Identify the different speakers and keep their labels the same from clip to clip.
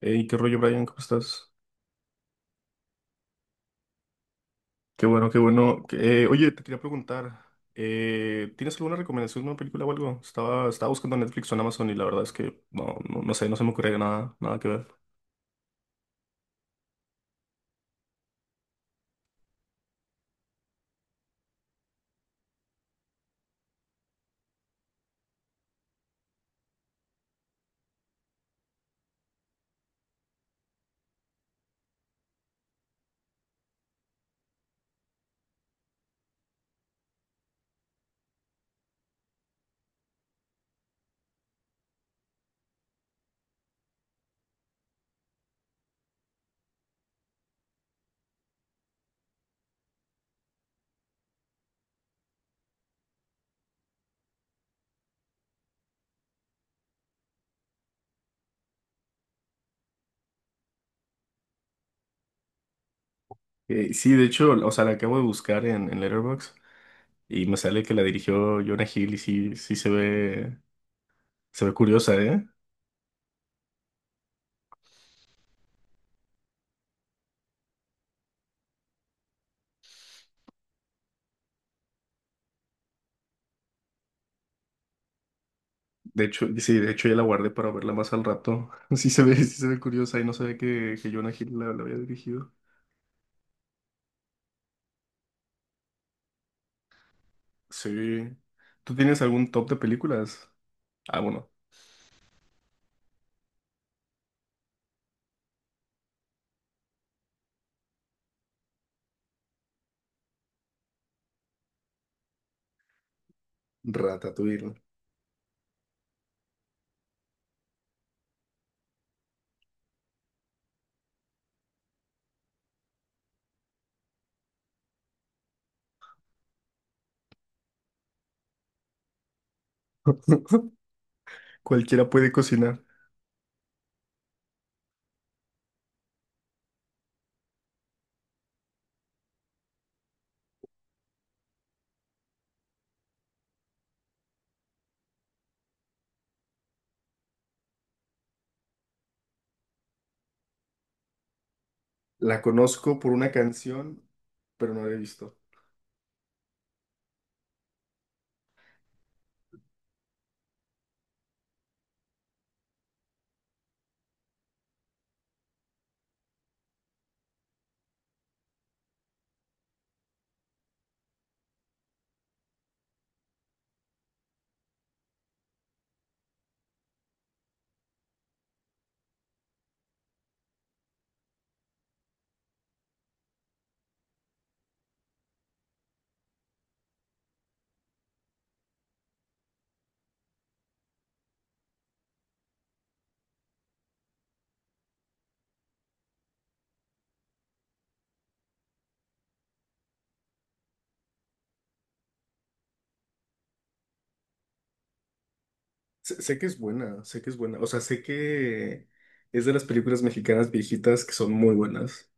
Speaker 1: Hey, qué rollo, Brian, ¿cómo estás? Qué bueno, qué bueno. Oye, te quería preguntar, ¿tienes alguna recomendación de una película o algo? Estaba buscando en Netflix o en Amazon y la verdad es que no sé, no se me ocurre nada que ver. Sí, de hecho, o sea, la acabo de buscar en Letterboxd y me sale que la dirigió Jonah Hill y sí se ve curiosa, ¿eh? De hecho, sí, de hecho ya la guardé para verla más al rato. Sí se ve curiosa y no sabía que Jonah Hill la había dirigido. Sí. ¿Tú tienes algún top de películas? Ah, bueno. Ratatouille, ¿no? Cualquiera puede cocinar. La conozco por una canción, pero no la he visto. Sé que es buena, sé que es buena. O sea, sé que es de las películas mexicanas viejitas que son muy buenas.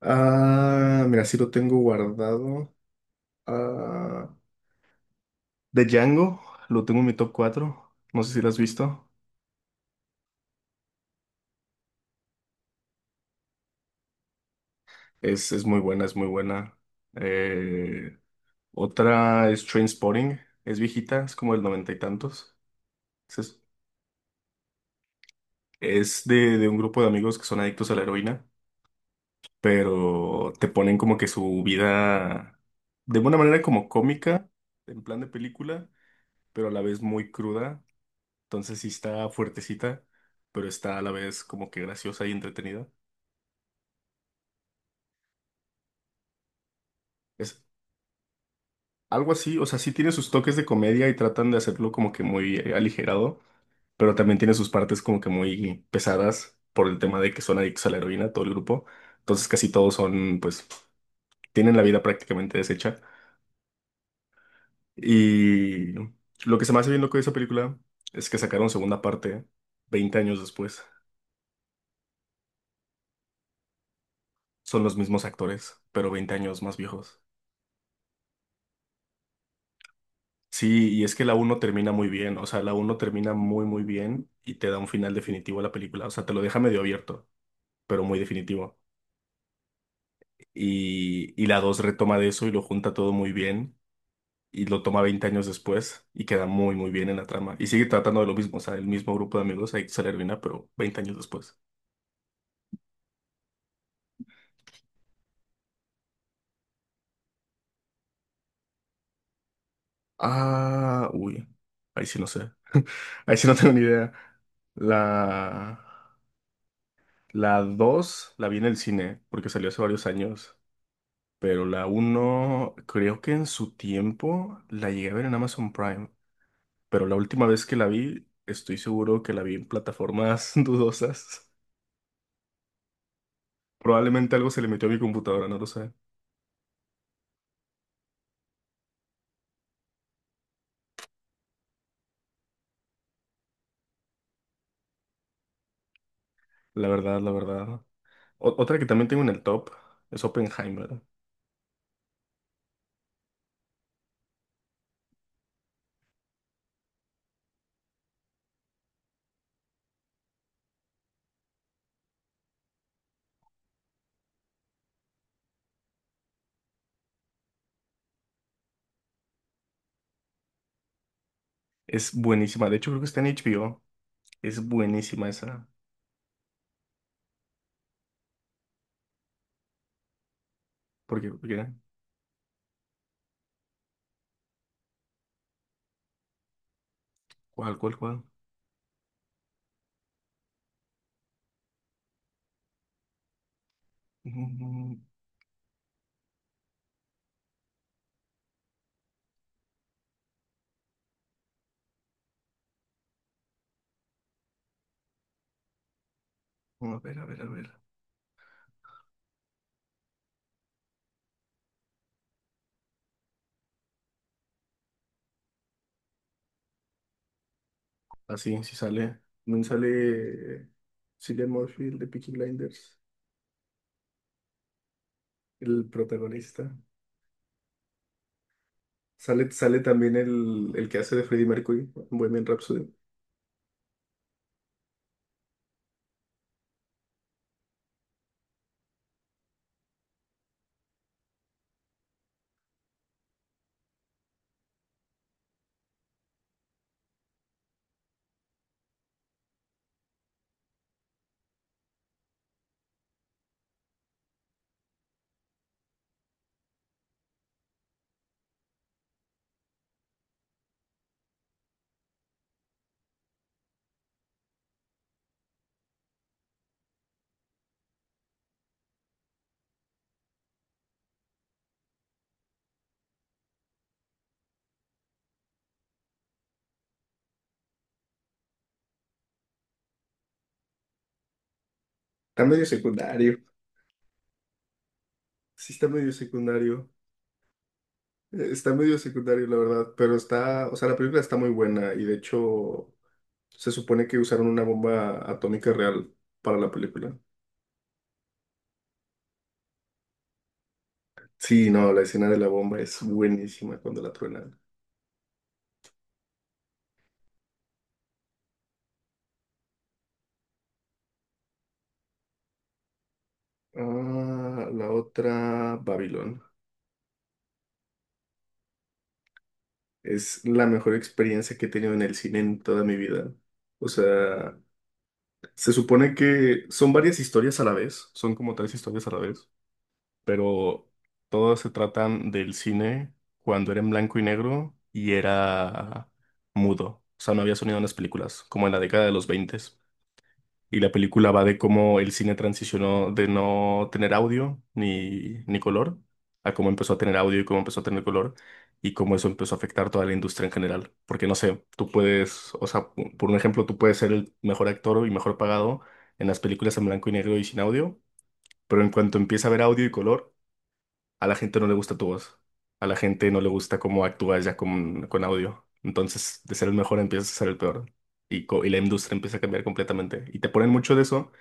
Speaker 1: Ah, mira, sí lo tengo guardado. Ah, de Django, lo tengo en mi top 4. No sé si lo has visto. Es muy buena, es muy buena. Eh, Otra es Trainspotting. Es viejita, es como del noventa y tantos. Esa es, Es de un grupo de amigos que son adictos a la heroína, pero te ponen como que su vida de una manera como cómica, en plan de película, pero a la vez muy cruda. Entonces sí está fuertecita, pero está a la vez como que graciosa y entretenida. Es algo así, o sea, sí tiene sus toques de comedia y tratan de hacerlo como que muy aligerado, pero también tiene sus partes como que muy pesadas por el tema de que son adictos a la heroína, todo el grupo. Entonces casi todos son, pues, tienen la vida prácticamente deshecha. Y lo que se me hace bien loco de esa película es que sacaron segunda parte 20 años después. Son los mismos actores, pero veinte años más viejos. Sí, y es que la uno termina muy bien, o sea, la uno termina muy bien y te da un final definitivo a la película, o sea, te lo deja medio abierto, pero muy definitivo. Y la 2 retoma de eso y lo junta todo muy bien y lo toma 20 años después y queda muy bien en la trama. Y sigue tratando de lo mismo, o sea, el mismo grupo de amigos, ahí se termina, pero 20 años después. Ah, uy. Ahí sí no sé. Ahí sí no tengo ni idea. La, la 2 la vi en el cine porque salió hace varios años. Pero la uno creo que en su tiempo la llegué a ver en Amazon Prime. Pero la última vez que la vi, estoy seguro que la vi en plataformas dudosas. Probablemente algo se le metió a mi computadora, no lo sé. La verdad, la verdad. Otra que también tengo en el top es Oppenheimer. Es buenísima. De hecho, creo que está en HBO. Es buenísima esa. Porque, porque, ¿Cuál, cuál? Mm, a ver, a ver. Así, si sale. También sale Cillian Murphy, el de Peaky Blinders, el protagonista. Sale también el que hace de Freddie Mercury, en Bohemian Rhapsody. Está medio secundario. Sí, está medio secundario. Está medio secundario, la verdad. Pero está, o sea, la película está muy buena. Y de hecho, se supone que usaron una bomba atómica real para la película. Sí, no, la escena de la bomba es buenísima cuando la truena. Ah, la otra, Babylon. Es la mejor experiencia que he tenido en el cine en toda mi vida. O sea, se supone que son varias historias a la vez, son como tres historias a la vez, pero todas se tratan del cine cuando era en blanco y negro y era mudo. O sea, no había sonido en las películas, como en la década de los 20. Y la película va de cómo el cine transicionó de no tener audio ni color a cómo empezó a tener audio y cómo empezó a tener color y cómo eso empezó a afectar toda la industria en general. Porque no sé, tú puedes, o sea, por un ejemplo, tú puedes ser el mejor actor y mejor pagado en las películas en blanco y negro y sin audio, pero en cuanto empieza a haber audio y color, a la gente no le gusta tu voz. A la gente no le gusta cómo actúas ya con audio. Entonces, de ser el mejor empiezas a ser el peor y la industria empieza a cambiar completamente. Y te ponen mucho de eso,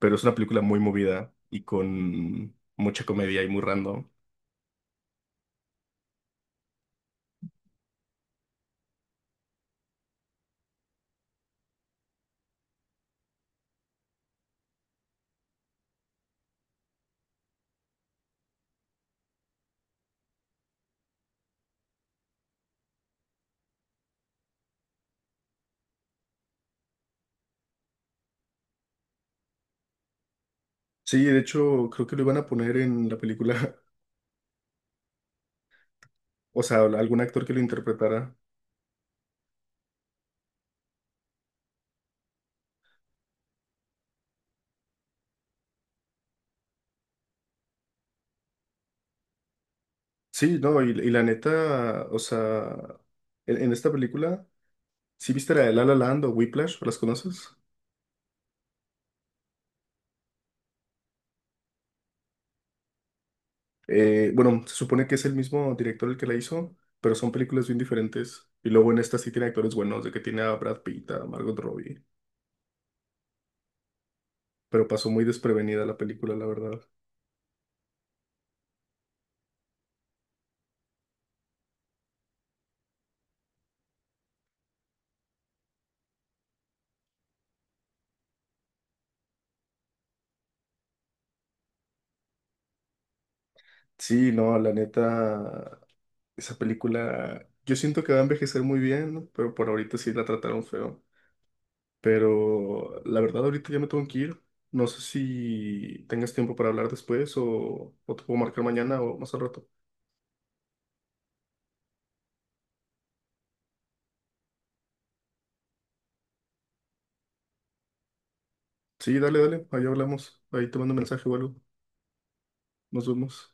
Speaker 1: pero es una película muy movida y con mucha comedia y muy random. Sí, de hecho, creo que lo iban a poner en la película, o sea, algún actor que lo interpretara. Sí, no, y la neta, o sea, en esta película, ¿sí viste la de La La Land o Whiplash? ¿Las conoces? Bueno, se supone que es el mismo director el que la hizo, pero son películas bien diferentes. Y luego en esta sí tiene actores buenos, de que tiene a Brad Pitt, a Margot Robbie, pero pasó muy desprevenida la película, la verdad. Sí, no, la neta, esa película, yo siento que va a envejecer muy bien, ¿no? Pero por ahorita sí la trataron feo. Pero la verdad, ahorita ya me tengo que ir. No sé si tengas tiempo para hablar después o te puedo marcar mañana o más al rato. Sí, dale, dale, ahí hablamos. Ahí te mando un mensaje o algo. Nos vemos.